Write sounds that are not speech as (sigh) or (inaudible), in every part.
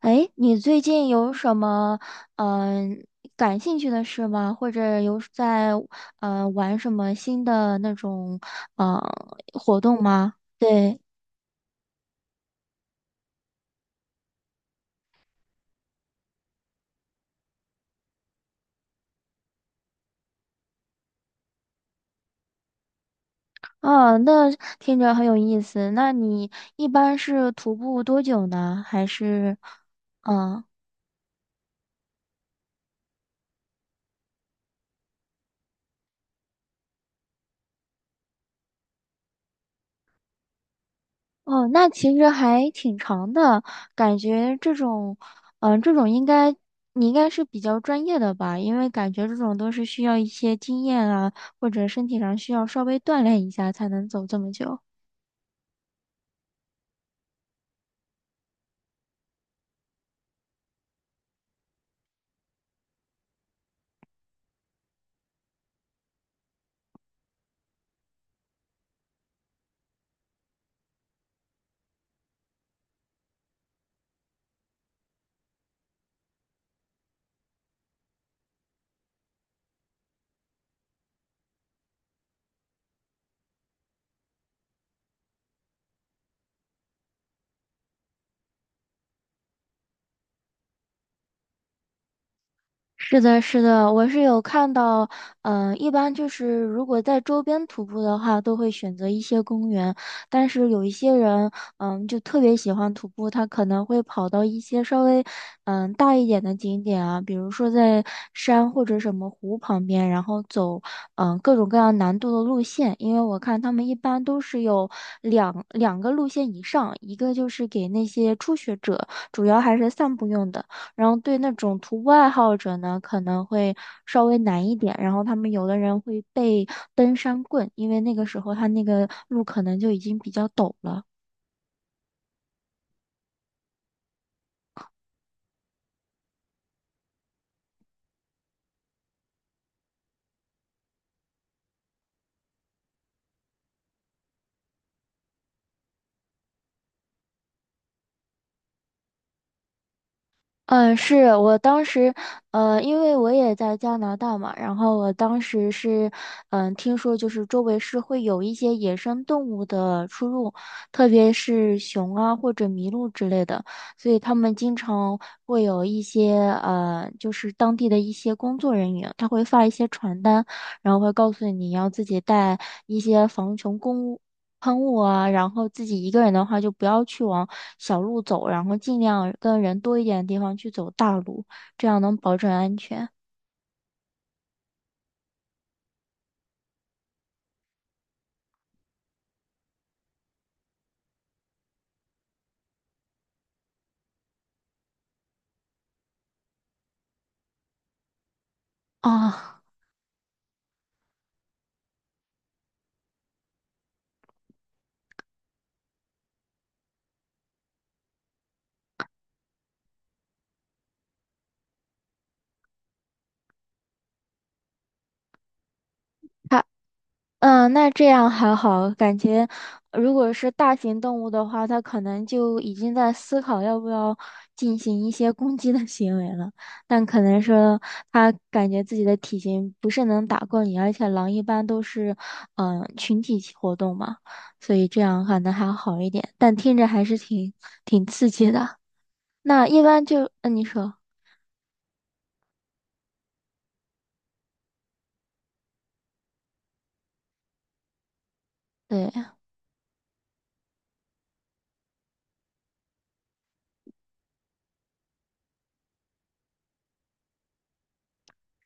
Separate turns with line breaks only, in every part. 哎，你最近有什么嗯、感兴趣的事吗？或者有在玩什么新的那种呃活动吗？对。哦，那听着很有意思。那你一般是徒步多久呢？还是嗯？哦，那其实还挺长的，感觉这种，这种应该你应该是比较专业的吧，因为感觉这种都是需要一些经验啊，或者身体上需要稍微锻炼一下才能走这么久。是的，是的，我是有看到，一般就是如果在周边徒步的话，都会选择一些公园，但是有一些人，就特别喜欢徒步，他可能会跑到一些稍微，大一点的景点啊，比如说在山或者什么湖旁边，然后走，各种各样难度的路线，因为我看他们一般都是有两个路线以上，一个就是给那些初学者，主要还是散步用的。然后对那种徒步爱好者呢，可能会稍微难一点。然后他们有的人会背登山棍，因为那个时候他那个路可能就已经比较陡了。嗯，是我当时，因为我也在加拿大嘛，然后我当时是，嗯，听说就是周围是会有一些野生动物的出入，特别是熊啊或者麋鹿之类的，所以他们经常会有一些，就是当地的一些工作人员，他会发一些传单，然后会告诉你要自己带一些防熊工喷雾啊，然后自己一个人的话就不要去往小路走，然后尽量跟人多一点的地方去走大路，这样能保证安全啊。(laughs) 嗯，那这样还好，感觉如果是大型动物的话，它可能就已经在思考要不要进行一些攻击的行为了。但可能说它感觉自己的体型不是能打过你，而且狼一般都是群体活动嘛，所以这样可能还好一点。但听着还是挺刺激的。那一般就嗯，呃你说对。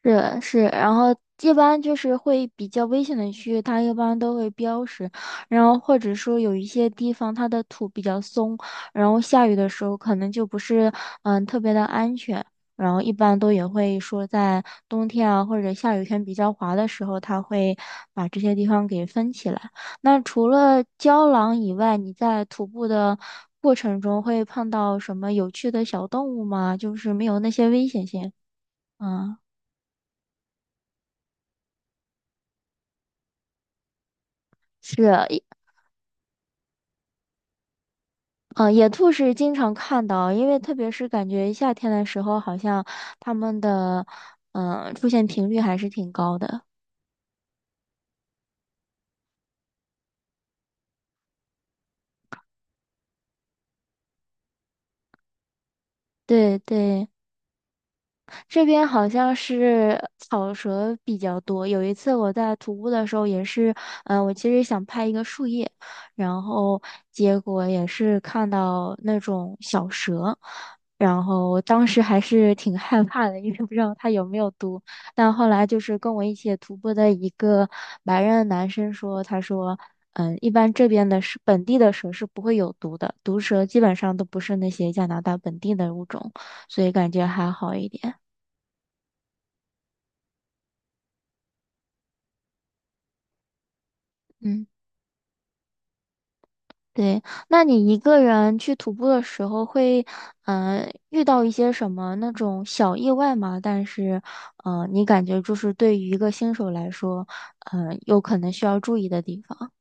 是是，然后一般就是会比较危险的区域，它一般都会标识，然后或者说有一些地方它的土比较松，然后下雨的时候可能就不是嗯特别的安全，然后一般都也会说在冬天啊或者下雨天比较滑的时候，它会把这些地方给分起来。那除了胶囊以外，你在徒步的过程中会碰到什么有趣的小动物吗？就是没有那些危险性。嗯，是，嗯，野兔是经常看到，因为特别是感觉夏天的时候，好像它们的出现频率还是挺高的。对对。这边好像是草蛇比较多。有一次我在徒步的时候，也是，我其实想拍一个树叶，然后结果也是看到那种小蛇，然后我当时还是挺害怕的，因为不知道它有没有毒。但后来就是跟我一起徒步的一个白人男生说，他说。嗯，一般这边的是本地的蛇是不会有毒的，毒蛇基本上都不是那些加拿大本地的物种，所以感觉还好一点。嗯，对。那你一个人去徒步的时候会，遇到一些什么那种小意外吗？但是，你感觉就是对于一个新手来说，有可能需要注意的地方。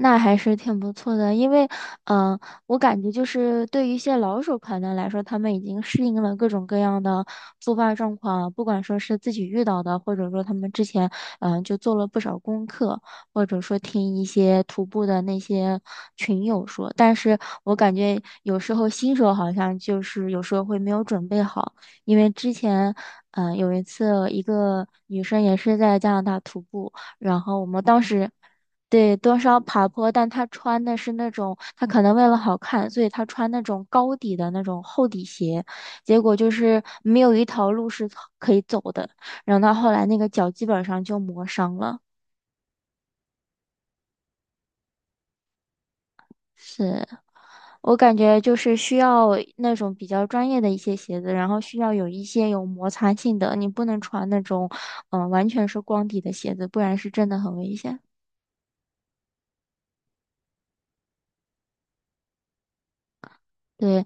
那还是挺不错的，因为，嗯、我感觉就是对于一些老手团能来说，他们已经适应了各种各样的突发状况，不管说是自己遇到的，或者说他们之前，就做了不少功课，或者说听一些徒步的那些群友说。但是我感觉有时候新手好像就是有时候会没有准备好，因为之前，有一次一个女生也是在加拿大徒步，然后我们当时。对，多少爬坡，但他穿的是那种，他可能为了好看，所以他穿那种高底的那种厚底鞋，结果就是没有一条路是可以走的，然后他后来那个脚基本上就磨伤了。是我感觉就是需要那种比较专业的一些鞋子，然后需要有一些有摩擦性的，你不能穿那种，完全是光底的鞋子，不然是真的很危险。对，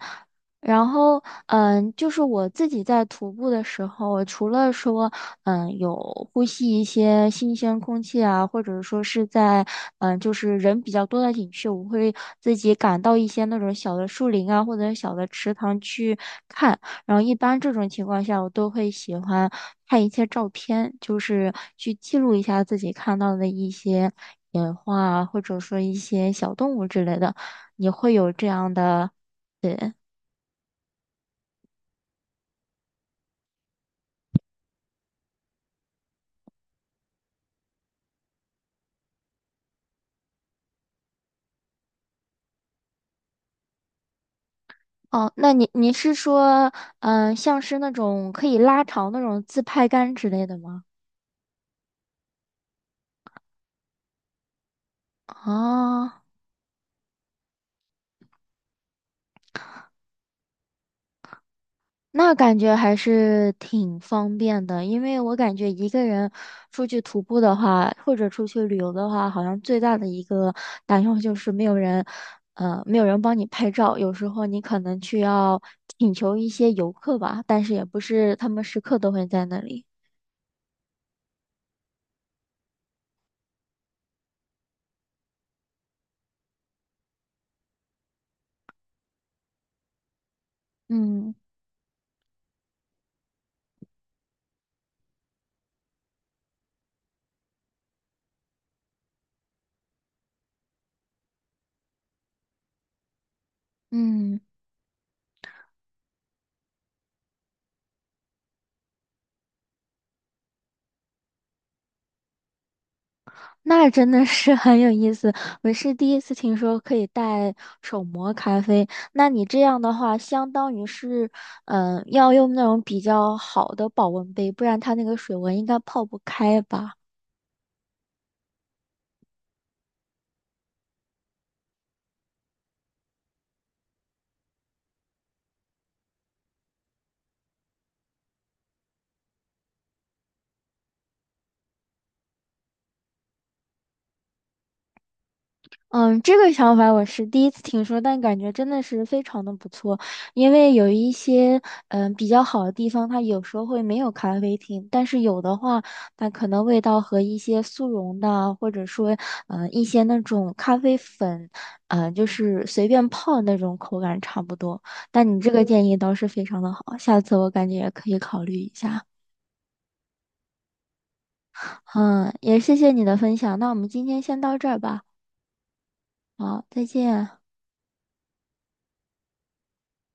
然后嗯，就是我自己在徒步的时候，除了说嗯有呼吸一些新鲜空气啊，或者说是在嗯就是人比较多的景区，我会自己赶到一些那种小的树林啊或者小的池塘去看。然后一般这种情况下，我都会喜欢看一些照片，就是去记录一下自己看到的一些野花啊，或者说一些小动物之类的。你会有这样的对，哦，那你是说，像是那种可以拉长那种自拍杆之类的吗？啊，那感觉还是挺方便的，因为我感觉一个人出去徒步的话，或者出去旅游的话，好像最大的一个担忧就是没有人，没有人帮你拍照，有时候你可能去要请求一些游客吧，但是也不是他们时刻都会在那里。嗯嗯。那真的是 (laughs) 很有意思，我是第一次听说可以带手磨咖啡。那你这样的话，相当于是，要用那种比较好的保温杯，不然它那个水温应该泡不开吧？嗯，这个想法我是第一次听说，但感觉真的是非常的不错。因为有一些嗯比较好的地方，它有时候会没有咖啡厅，但是有的话，它可能味道和一些速溶的啊，或者说嗯一些那种咖啡粉，嗯就是随便泡那种口感差不多。但你这个建议倒是非常的好，下次我感觉也可以考虑一下。嗯，也谢谢你的分享，那我们今天先到这儿吧。好，再见。